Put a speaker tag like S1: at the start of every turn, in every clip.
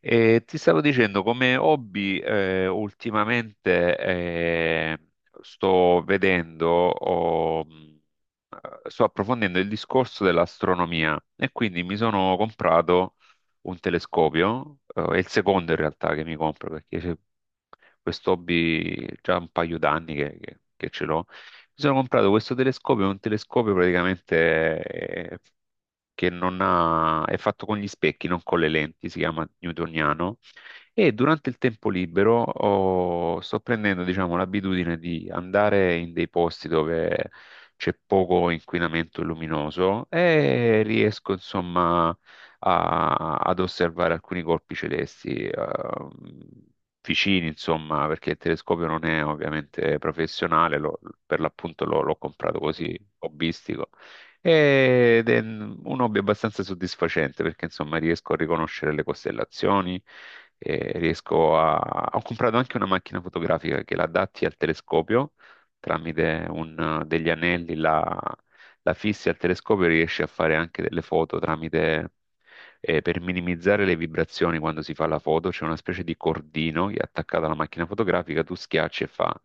S1: E ti stavo dicendo, come hobby, ultimamente sto vedendo, o, sto approfondendo il discorso dell'astronomia e quindi mi sono comprato un telescopio, è il secondo in realtà che mi compro perché c'è questo hobby già un paio d'anni che ce l'ho. Mi sono comprato questo telescopio, è un telescopio praticamente che non ha, è fatto con gli specchi, non con le lenti, si chiama newtoniano. E durante il tempo libero sto prendendo, diciamo, l'abitudine di andare in dei posti dove c'è poco inquinamento luminoso e riesco, insomma, ad osservare alcuni colpi celesti. Vicini, insomma, perché il telescopio non è ovviamente professionale, per l'appunto l'ho comprato così, hobbistico. Ed è un hobby abbastanza soddisfacente perché insomma riesco a riconoscere le costellazioni, e riesco a... Ho comprato anche una macchina fotografica che la adatti al telescopio tramite degli anelli, la, la fissi al telescopio e riesci a fare anche delle foto tramite... per minimizzare le vibrazioni quando si fa la foto c'è una specie di cordino che è attaccato alla macchina fotografica, tu schiacci e fa,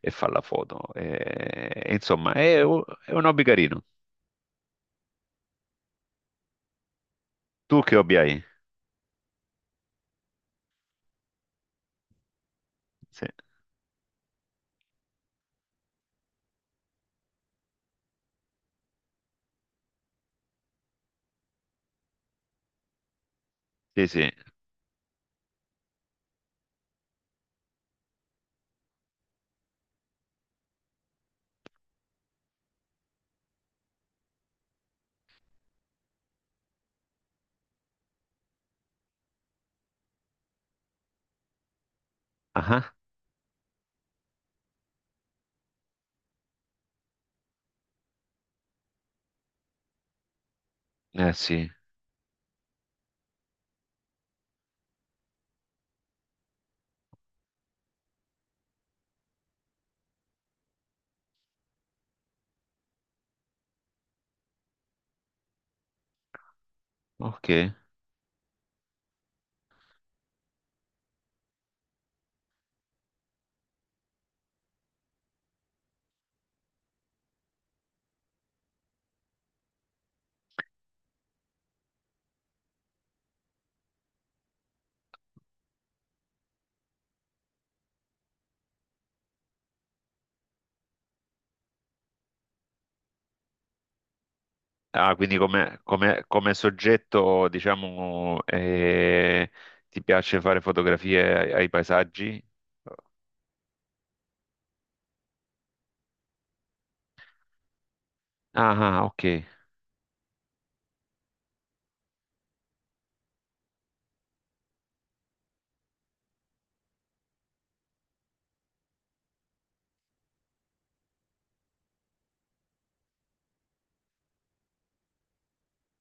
S1: e fa la foto. E insomma, è un hobby carino. Tu che hobby hai? Sì, sì, sì. Ah, eh sì, ok. Ah, quindi come soggetto, diciamo, ti piace fare fotografie ai, ai paesaggi? Ah, ah, ok.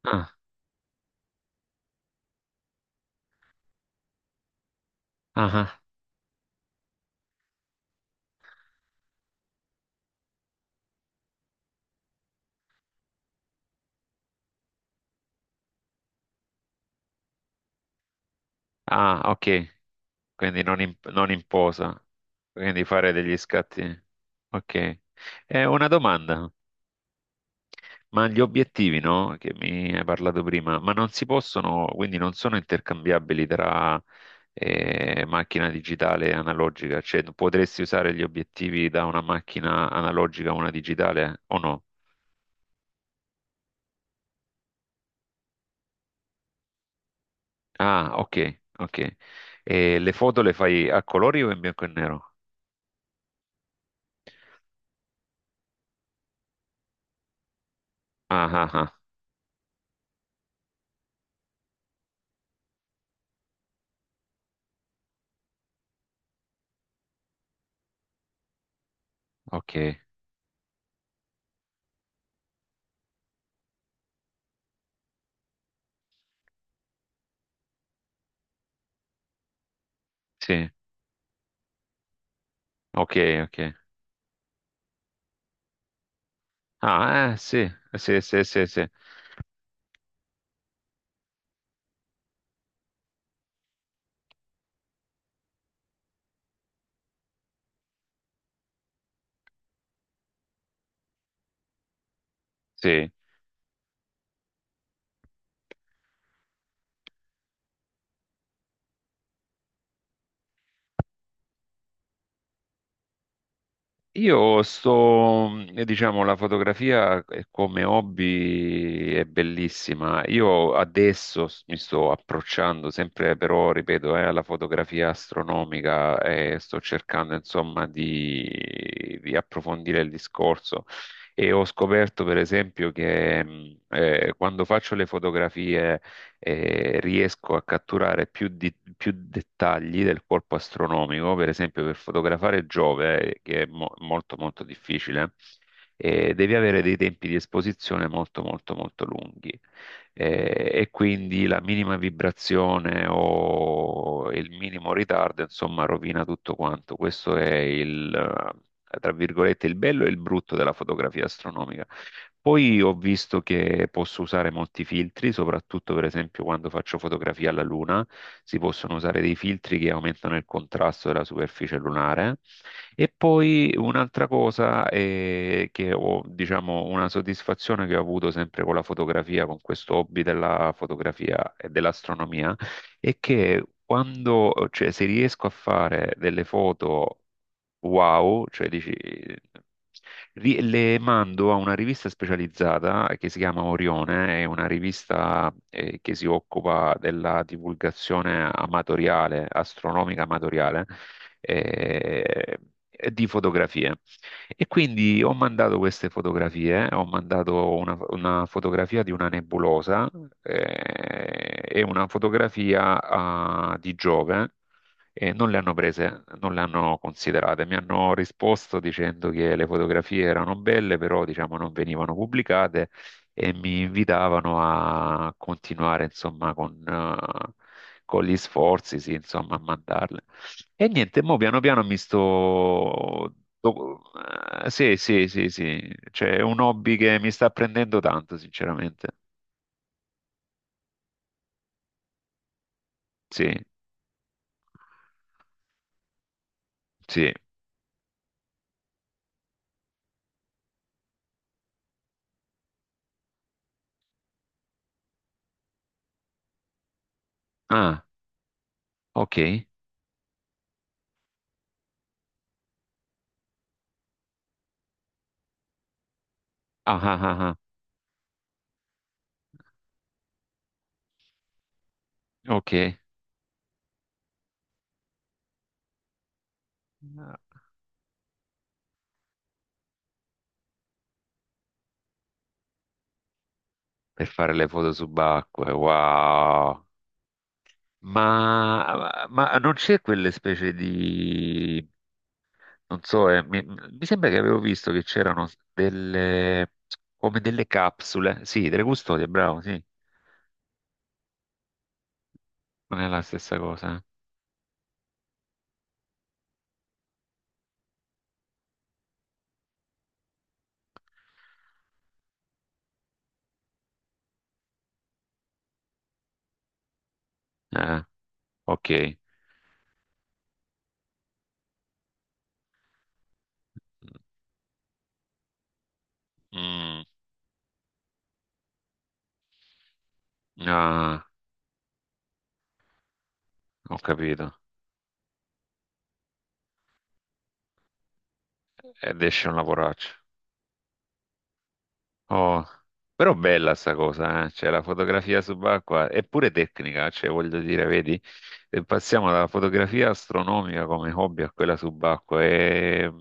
S1: Ah, ah, ah, ah, ok. Quindi non in, non in posa, quindi fare degli scatti. Ok. Una domanda. Ma gli obiettivi, no? Che mi hai parlato prima, ma non si possono, quindi non sono intercambiabili tra macchina digitale e analogica, cioè potresti usare gli obiettivi da una macchina analogica a una digitale o no? Ah, ok, ok. E le foto le fai a colori o in bianco e nero? Ah, ah, ah, ok, sì, ok, ok. Ah, sì, sì, sì, sì, sì, sì. Io sto, diciamo, la fotografia come hobby è bellissima. Io adesso mi sto approcciando sempre, però, ripeto, alla fotografia astronomica e sto cercando, insomma, di approfondire il discorso. E ho scoperto, per esempio, che quando faccio le fotografie riesco a catturare più dettagli del corpo astronomico, per esempio per fotografare Giove, che è molto molto difficile, devi avere dei tempi di esposizione molto molto molto lunghi e quindi la minima vibrazione o il minimo ritardo, insomma, rovina tutto quanto. Questo è tra virgolette, il bello e il brutto della fotografia astronomica. Poi ho visto che posso usare molti filtri, soprattutto per esempio quando faccio fotografia alla luna, si possono usare dei filtri che aumentano il contrasto della superficie lunare. E poi un'altra cosa che ho, diciamo, una soddisfazione che ho avuto sempre con la fotografia, con questo hobby della fotografia e dell'astronomia, è che quando, cioè, se riesco a fare delle foto wow, cioè dici, le mando a una rivista specializzata che si chiama Orione, è una rivista che si occupa della divulgazione amatoriale, astronomica amatoriale, eh, e di fotografie. E quindi ho mandato queste fotografie, ho mandato una fotografia di una nebulosa e una fotografia di Giove e non le hanno prese, non le hanno considerate. Mi hanno risposto dicendo che le fotografie erano belle, però diciamo non venivano pubblicate e mi invitavano a continuare insomma con gli sforzi, sì, insomma, a mandarle. E niente, mo piano piano mi sto... do- Sì, sì, sì, sì, cioè è un hobby che mi sta prendendo tanto, sinceramente. Sì, sì. Ah, ok. Ah, ah, ah, ah. Ok. Per fare le foto subacquee, wow! Ma non c'è quelle specie di... Non so, mi, mi sembra che avevo visto che c'erano delle... come delle capsule. Sì, delle custodie, bravo, sì. Non è la stessa cosa. Eh. Ok. Mm, mm, ah, ho capito. Ed esce un lavoraccio. Oh, però bella sta cosa, eh? Cioè la fotografia subacquea è pure tecnica, cioè voglio dire, vedi, passiamo dalla fotografia astronomica come hobby a quella subacquea,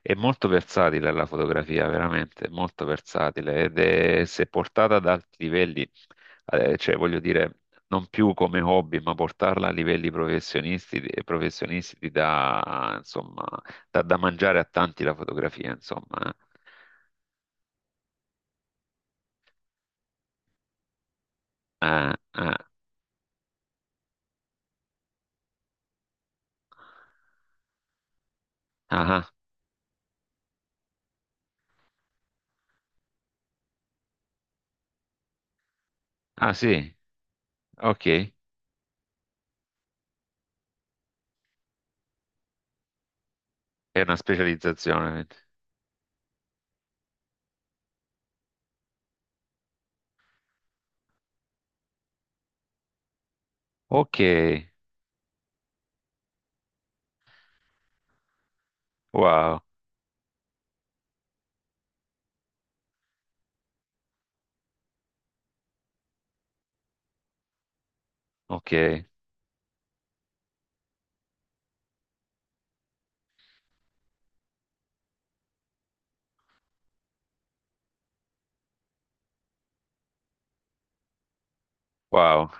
S1: è molto versatile la fotografia, veramente, molto versatile ed è, se portata ad alti livelli, cioè voglio dire, non più come hobby, ma portarla a livelli professionisti, professionisti ti dà, insomma, dà da mangiare a tanti la fotografia, insomma. Eh. Eh. Ah, ah, ah sì, ok, è una specializzazione. Ok, wow, ok, wow,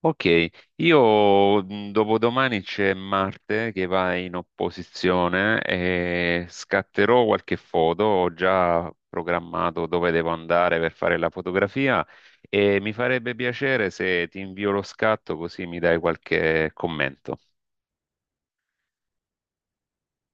S1: ok. Io dopodomani c'è Marte che va in opposizione e scatterò qualche foto, ho già programmato dove devo andare per fare la fotografia e mi farebbe piacere se ti invio lo scatto così mi dai qualche commento.